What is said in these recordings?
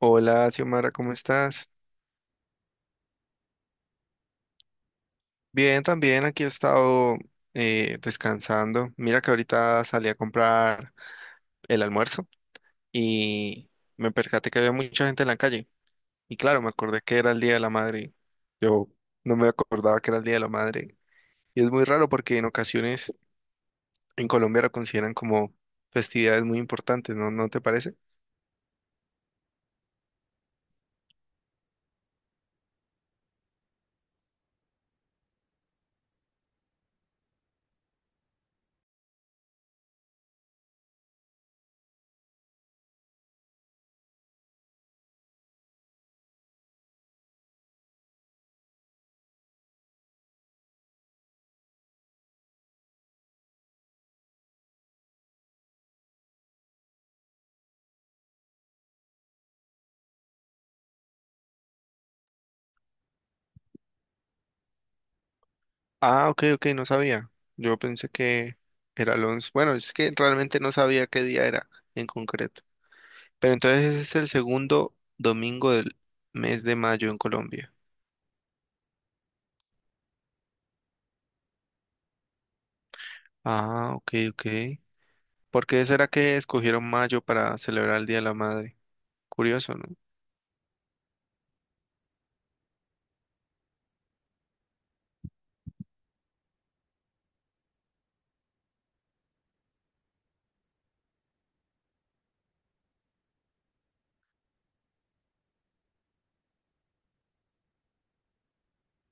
Hola, Xiomara, ¿cómo estás? Bien, también aquí he estado descansando. Mira que ahorita salí a comprar el almuerzo y me percaté que había mucha gente en la calle. Y claro, me acordé que era el Día de la Madre. Yo no me acordaba que era el Día de la Madre. Y es muy raro porque en ocasiones en Colombia lo consideran como festividades muy importantes, ¿no? ¿No te parece? Ah, ok, ok, no sabía. Yo pensé que era el 11. Bueno, es que realmente no sabía qué día era en concreto. Pero entonces ese es el segundo domingo del mes de mayo en Colombia. Ah, ok, ok. ¿Por qué será que escogieron mayo para celebrar el Día de la Madre? Curioso, ¿no?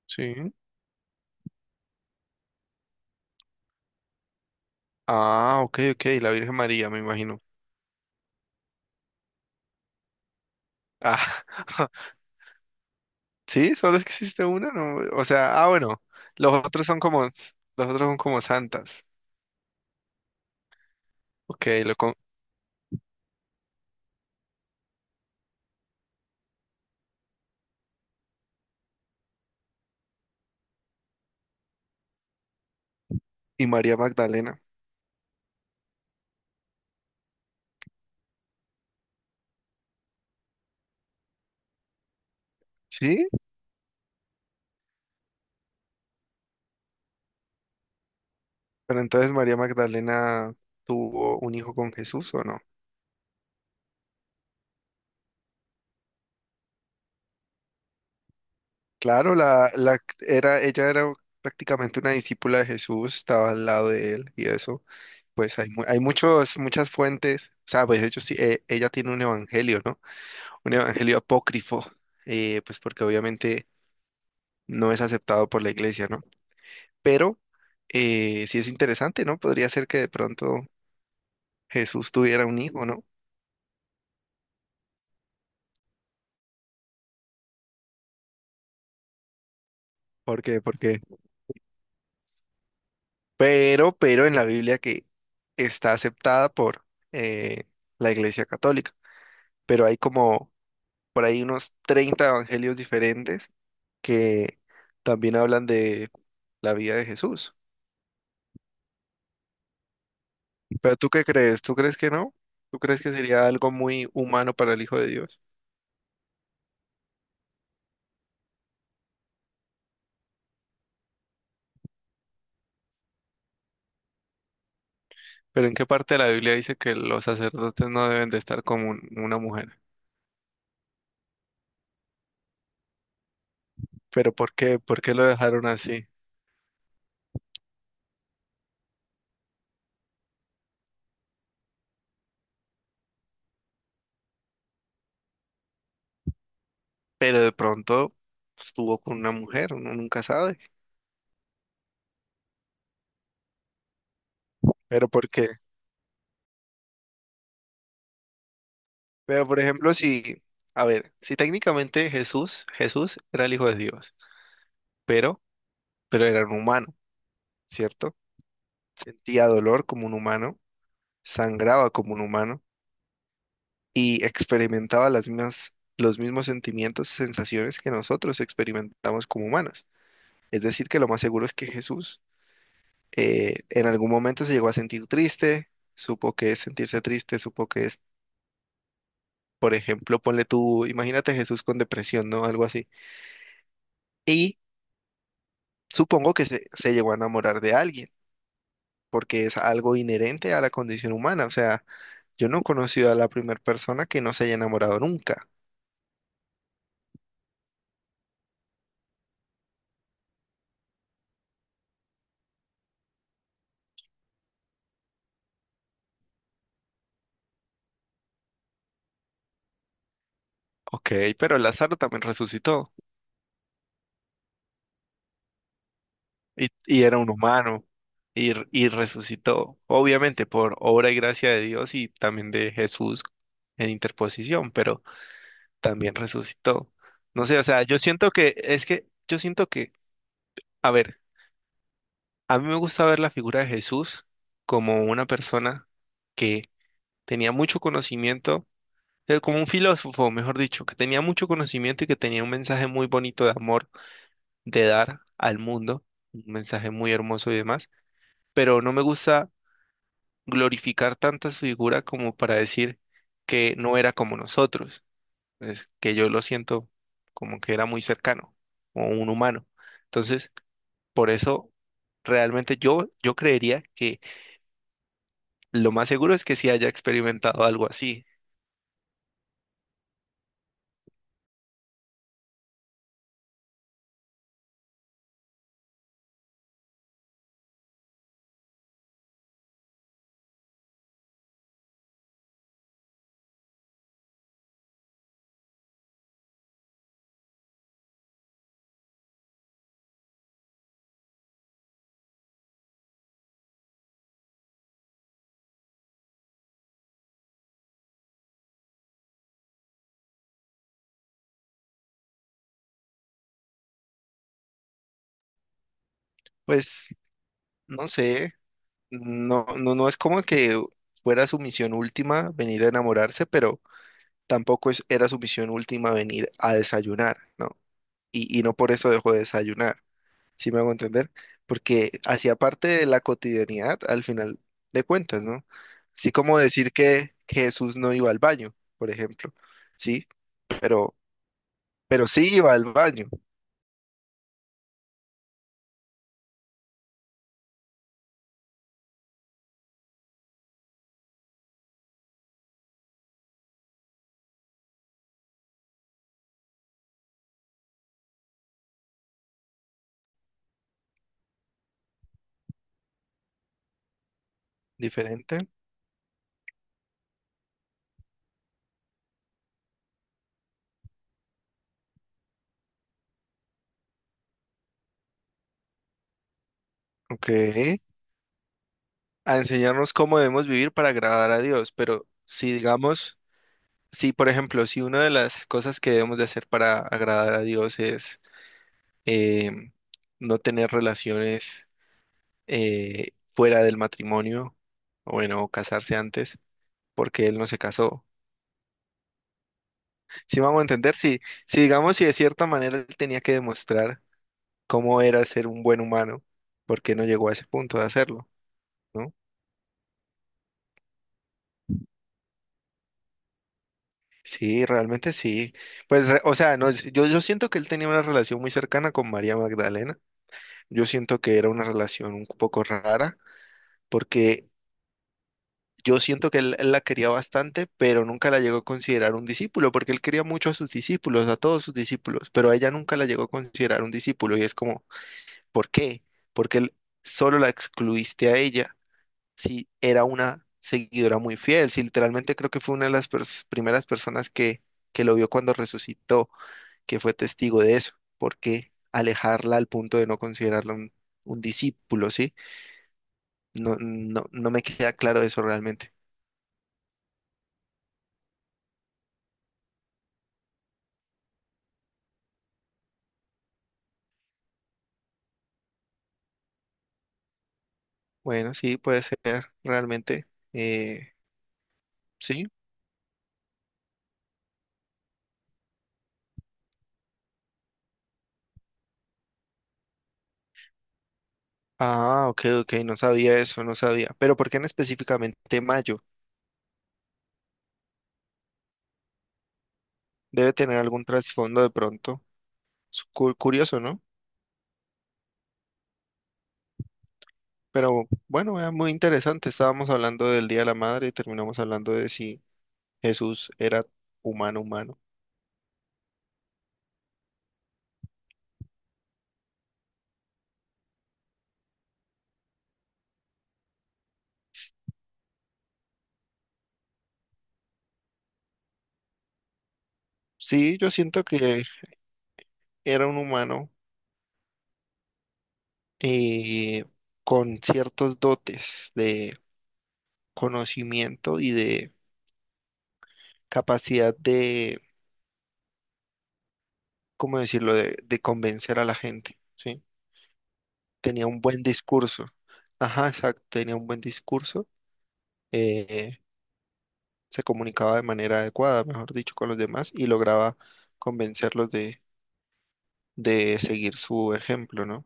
Sí. Ah, ok, ok. La Virgen María, me imagino. Ah, sí, solo existe una, ¿no? O sea, ah, bueno. Los otros son como, los otros son como santas. Ok, y María Magdalena. Sí, pero entonces María Magdalena tuvo un hijo con Jesús, ¿o no? Claro, ella era prácticamente una discípula de Jesús, estaba al lado de él y eso, pues hay, hay muchas fuentes, o sea, pues ella tiene un evangelio, ¿no? Un evangelio apócrifo, pues porque obviamente no es aceptado por la iglesia, ¿no? Pero sí es interesante, ¿no? Podría ser que de pronto Jesús tuviera un hijo, ¿no? ¿Por Porque, porque, pero en la Biblia que está aceptada por eh, la iglesia católica, pero hay como por ahí unos 30 evangelios diferentes que también hablan de la vida de Jesús. Pero ¿tú qué crees? ¿Tú crees que no? ¿Tú crees que sería algo muy humano para el Hijo de Dios? Pero ¿en qué parte de la Biblia dice que los sacerdotes no deben de estar con una mujer? ¿Pero por qué? ¿Por qué lo dejaron así? Pero de pronto estuvo con una mujer, uno nunca sabe. ¿Pero por qué? Pero por ejemplo, a ver, si técnicamente Jesús era el Hijo de Dios, pero, pero era un humano. ¿Cierto? Sentía dolor como un humano, sangraba como un humano y experimentaba los mismos sentimientos, sensaciones que nosotros experimentamos como humanos. Es decir, que lo más seguro es que Jesús en algún momento se llegó a sentir triste, supo que es sentirse triste, supo que es, por ejemplo, ponle tú, imagínate Jesús con depresión, ¿no? Algo así. Y supongo que se llegó a enamorar de alguien, porque es algo inherente a la condición humana, o sea. Yo no he conocido a la primera persona que no se haya enamorado nunca. Ok, pero Lázaro también resucitó y era un humano y resucitó, obviamente por obra y gracia de Dios y también de Jesús en interposición, pero también resucitó. No sé, o sea, yo siento que es que yo siento que, a ver, a mí me gusta ver la figura de Jesús como una persona que tenía mucho conocimiento, como un filósofo, mejor dicho, que tenía mucho conocimiento y que tenía un mensaje muy bonito de amor, de dar al mundo, un mensaje muy hermoso y demás, pero no me gusta glorificar tanta su figura como para decir que no era como nosotros, es que yo lo siento como que era muy cercano, o un humano. Entonces, por eso realmente yo creería que lo más seguro es que sí haya experimentado algo así. Pues, no sé. No es como que fuera su misión última venir a enamorarse, pero tampoco es, era su misión última venir a desayunar, ¿no? Y no por eso dejó de desayunar, ¿sí me hago entender? Porque hacía parte de la cotidianidad al final de cuentas, ¿no? Así como decir que, Jesús no iba al baño, por ejemplo, ¿sí? Pero, pero sí iba al baño, diferente, ¿ok? A enseñarnos cómo debemos vivir para agradar a Dios, pero si digamos... Sí, por ejemplo, si una de las cosas que debemos de hacer para agradar a Dios es em, no tener relaciones fuera del matrimonio, o bueno, o casarse antes, porque Él no se casó. Si vamos a entender, si de cierta manera Él tenía que demostrar cómo era ser un buen humano, ¿por qué no llegó a ese punto de hacerlo? ¿No? Sí, realmente sí. O sea, no, yo siento que él tenía una relación muy cercana con María Magdalena. Yo siento que era una relación un poco rara, porque yo siento que él la quería bastante, pero nunca la llegó a considerar un discípulo, porque él quería mucho a sus discípulos, a todos sus discípulos, pero a ella nunca la llegó a considerar un discípulo y es como, ¿por qué? Porque él solo la excluiste a ella si era una seguidora muy fiel, si literalmente creo que fue una de las primeras personas que lo vio cuando resucitó, que fue testigo de eso, ¿por qué alejarla al punto de no considerarla un discípulo, ¿sí? No, no me queda claro eso realmente. Bueno, sí, puede ser, realmente. Eh, sí. Ah, ok, ok, no sabía eso, no sabía. Pero ¿por qué en específicamente mayo? Debe tener algún trasfondo de pronto. Curioso, ¿no? Pero bueno, era muy interesante. Estábamos hablando del Día de la Madre y terminamos hablando de si Jesús era humano. Sí, yo siento que era un humano, eh, con ciertos dotes de conocimiento y de capacidad de ¿cómo decirlo?, de convencer a la gente, ¿sí? Tenía un buen discurso. Ajá, exacto, tenía un buen discurso. eh, Se comunicaba de manera adecuada, mejor dicho, con los demás y lograba convencerlos de seguir su ejemplo, ¿no?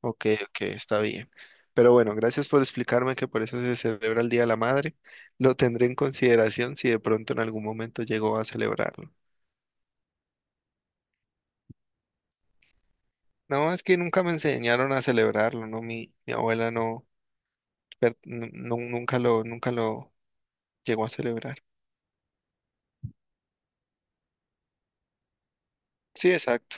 Ok, ok, está bien. Pero bueno, gracias por explicarme que por eso se celebra el Día de la Madre. Lo tendré en consideración si de pronto en algún momento llego a celebrarlo. No, es que nunca me enseñaron a celebrarlo, ¿no? Mi abuela no, pero nunca nunca lo llegó a celebrar. Sí, exacto.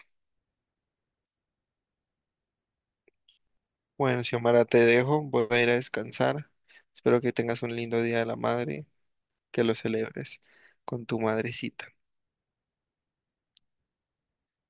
Bueno, Xiomara, te dejo, voy a ir a descansar. Espero que tengas un lindo Día de la Madre, que lo celebres con tu madrecita.